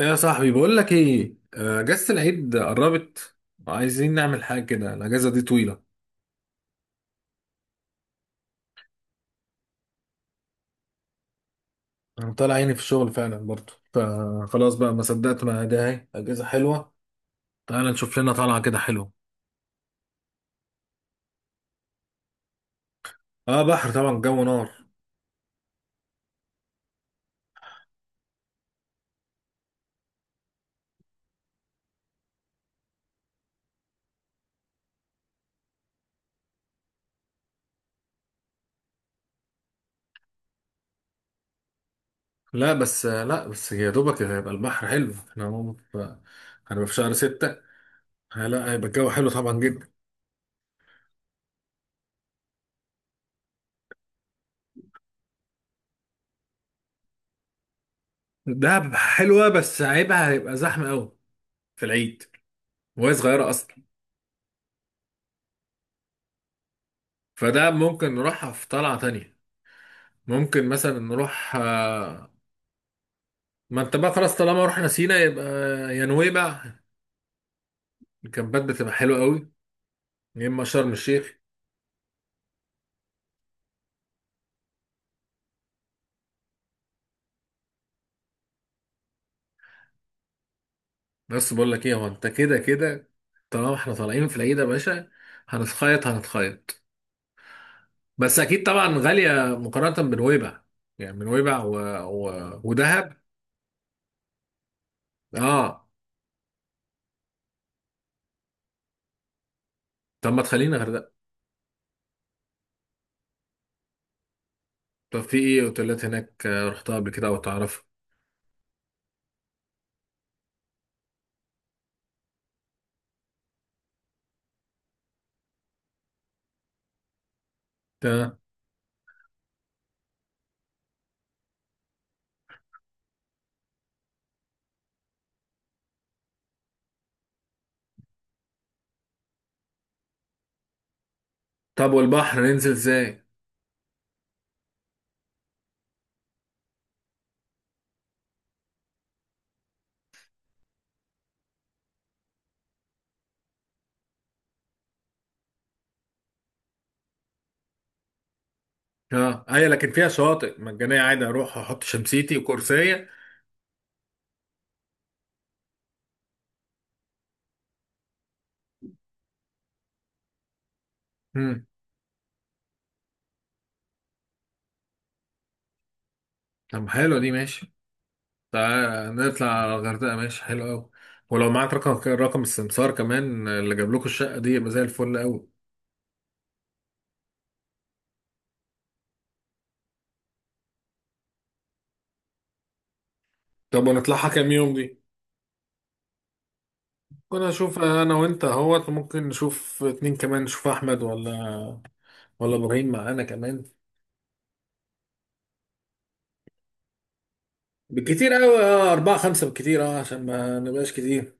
يا صاحبي بقول لك ايه، اجازة العيد قربت. وعايزين نعمل حاجة كده، الاجازة دي طويلة. انا طالع عيني في الشغل فعلا برضه، فخلاص بقى ما صدقت، ما ده اهي اجازة حلوة. تعال نشوف لنا طالعة كده حلوة. اه بحر طبعا، جو نار. لا بس يا دوبك هيبقى البحر حلو، احنا هو هنبقى في شهر 6. لا هيبقى الجو حلو طبعا جدا. دهب حلوة بس عيبها هيبقى زحمة قوي في العيد، وهي صغيرة اصلا. فده ممكن نروحها في طلعة تانية. ممكن مثلا نروح. ما انت بقى خلاص، طالما رحنا سينا يبقى يا نويبع الكامبات بتبقى حلوة قوي، يا اما شرم الشيخ. بس بقول لك ايه، هو انت كده كده طالما احنا طالعين في العيد يا باشا هنتخيط هنتخيط، بس اكيد طبعا غالية مقارنة بنويبع. يعني بنويبع ودهب. اه طب ما تخلينا غردقة. طب في ايه اوتيلات هناك، رحتها قبل كده او تعرفها؟ تمام. طب والبحر ننزل ازاي؟ اه ايوه، لكن فيها شواطئ مجانية عادي اروح احط شمسيتي وكرسية؟ امم. طب حلوة دي ماشي. تعال نطلع على الغردقة، ماشي حلو قوي. ولو معاك رقم السمسار كمان اللي جاب لكم الشقة دي يبقى زي الفل قوي. طب ونطلعها كام يوم دي؟ ممكن اشوف انا وانت اهوت، ممكن نشوف اتنين كمان، نشوف احمد ولا ولا ابراهيم معانا كمان. بالكتير قوي اه اربعة خمسة بالكتير، اه عشان ما نبقاش كتير.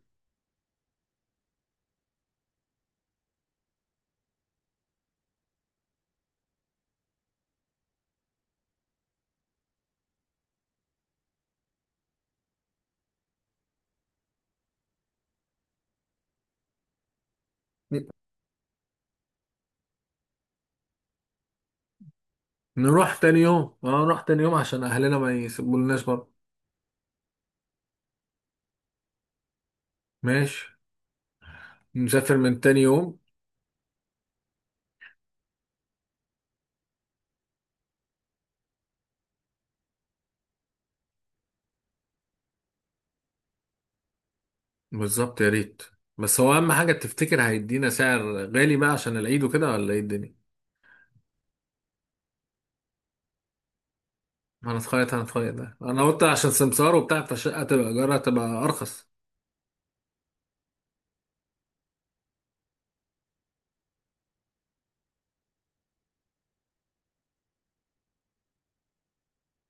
نروح تاني يوم، اه نروح تاني يوم عشان اهلنا ما يسيبولناش برضه. ماشي. نسافر من تاني يوم. بالظبط، يا ريت. بس هو اهم حاجه، تفتكر هيدينا سعر غالي بقى عشان العيد وكده ولا ايه الدنيا؟ هنتخيط هنتخيط، ده انا قلت عشان سمسار وبتاع فالشقه تبقى ايجارها تبقى ارخص.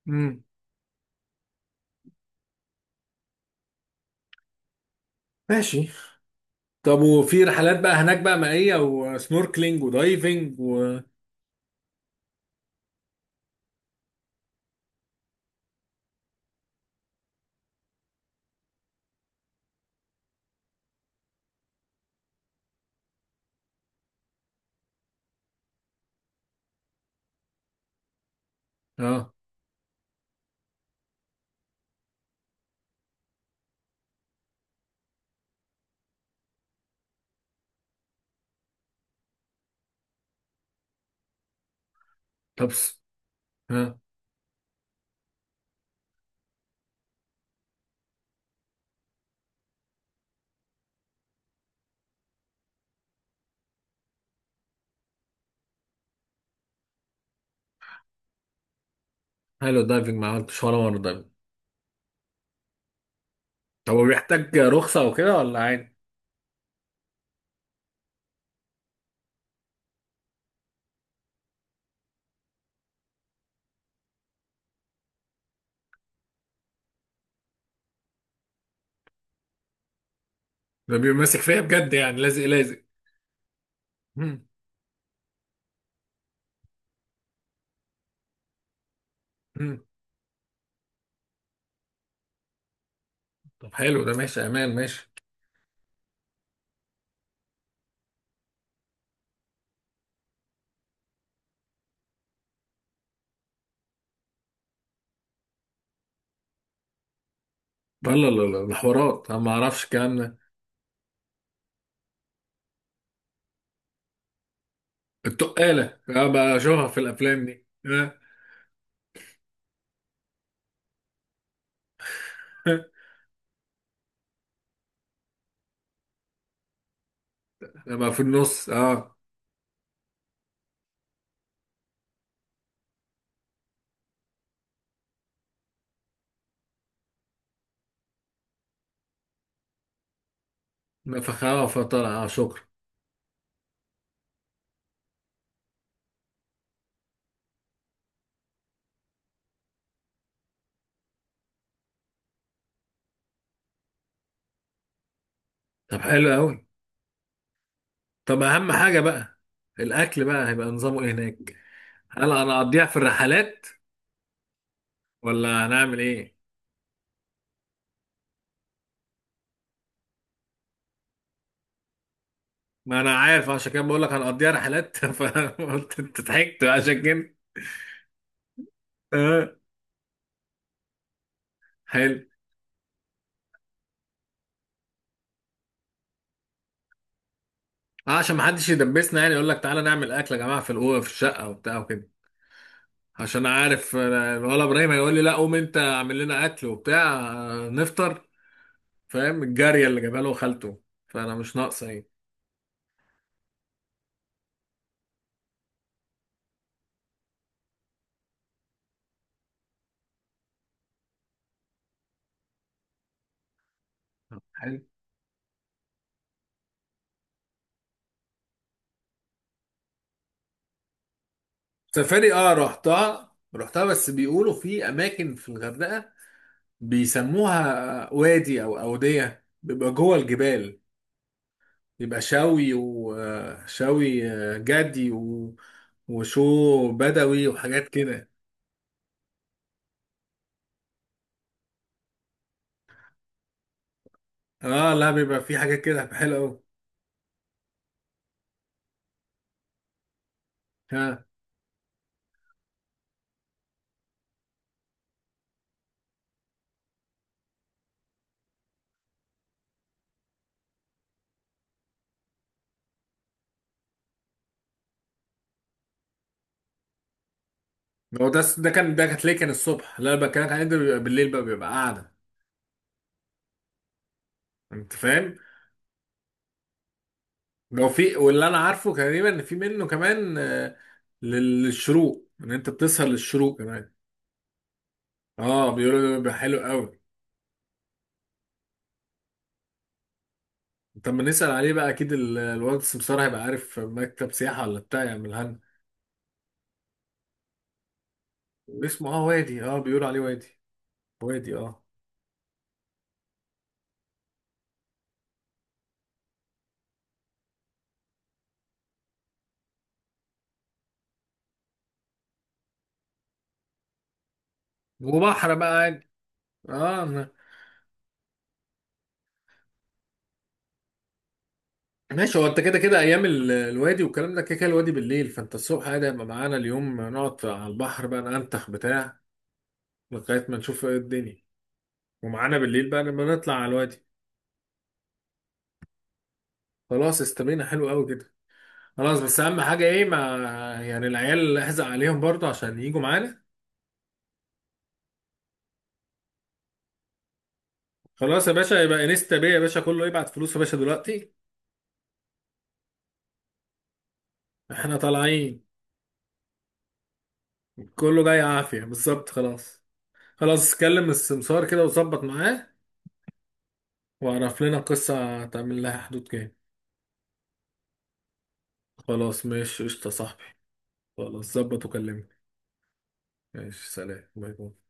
امم، ماشي. طب وفي رحلات بقى هناك بقى مائيه وسنوركلينج ودايفنج و... اه طب س- ها. حلو الدايفنج، ما عملتش ولا مره دايفنج. طب هو بيحتاج رخصه وكده ولا عادي؟ ده بيبقى ماسك فيا بجد، يعني لازق لازق. مم. مم. طب حلو ده، ماشي امان، ماشي. لا لا لا لا، ده حوارات انا ما اعرفش الكلام ده. التقالة انا بشوفها في الافلام دي آه. لما في النص اه. نفخها فطلع، اه شكرا. طب حلو قوي. طب اهم حاجة بقى، الاكل بقى هيبقى نظامه ايه هناك؟ هل انا اقضيها في الرحلات ولا هنعمل ايه؟ ما انا عارف، عشان كده بقول لك هنقضيها رحلات. فقلت انت ضحكت عشان كده. آه. حلو. عشان ما حدش يدبسنا يعني، يقول لك تعالى نعمل اكل يا جماعة في الاوضه في الشقة وبتاع وكده. عشان عارف الولا ابراهيم هيقول لي لا قوم انت اعمل لنا اكل وبتاع، نفطر. فاهم؟ الجاريه اللي جابها له خالته، فانا مش ناقصه ايه. حلو. سفاري اه رحتها بس بيقولوا في اماكن في الغردقه بيسموها وادي او اوديه بيبقى جوه الجبال. بيبقى شوي وشوي جدي وشو بدوي وحاجات كده. اه لا بيبقى في حاجات كده حلوه قوي. هو ده كان ده هتلاقيه كان الصبح، لا انا بكلمك عن ده بيبقى بالليل بقى بيبقى قاعده. انت فاهم؟ لو في، واللي انا عارفه تقريبا ان في منه كمان، للشروق، ان انت بتسهر للشروق كمان. اه بيقولوا ده بيبقى حلو قوي. طب ما نسال عليه بقى، اكيد الواد السمسار هيبقى عارف مكتب سياحه ولا بتاع يعملها لنا. اسمه اه وادي، اه بيقولوا عليه وادي، وادي. اه وبحر بقى عادي. اه. ماشي، هو انت كده كده ايام الوادي والكلام ده كده كده الوادي بالليل، فانت الصبح عادي هيبقى معانا اليوم نقعد على البحر بقى ننتخ بتاع لغايه ما نشوف ايه الدنيا، ومعانا بالليل بقى لما نطلع على الوادي. خلاص استبينا حلو قوي كده. خلاص، بس اهم حاجه ايه، ما يعني العيال احزق عليهم برضه عشان يجوا معانا. خلاص يا باشا، يبقى انستا بيه يا باشا، كله يبعت فلوس يا باشا دلوقتي، احنا طالعين، كله جاي عافيه، بالظبط خلاص. خلاص كلم السمسار كده وظبط معاه، واعرف لنا القصه هتعمل لها حدود كام. خلاص ماشي قشطة يا صاحبي. خلاص ظبط وكلمني. ماشي، سلام، باي باي.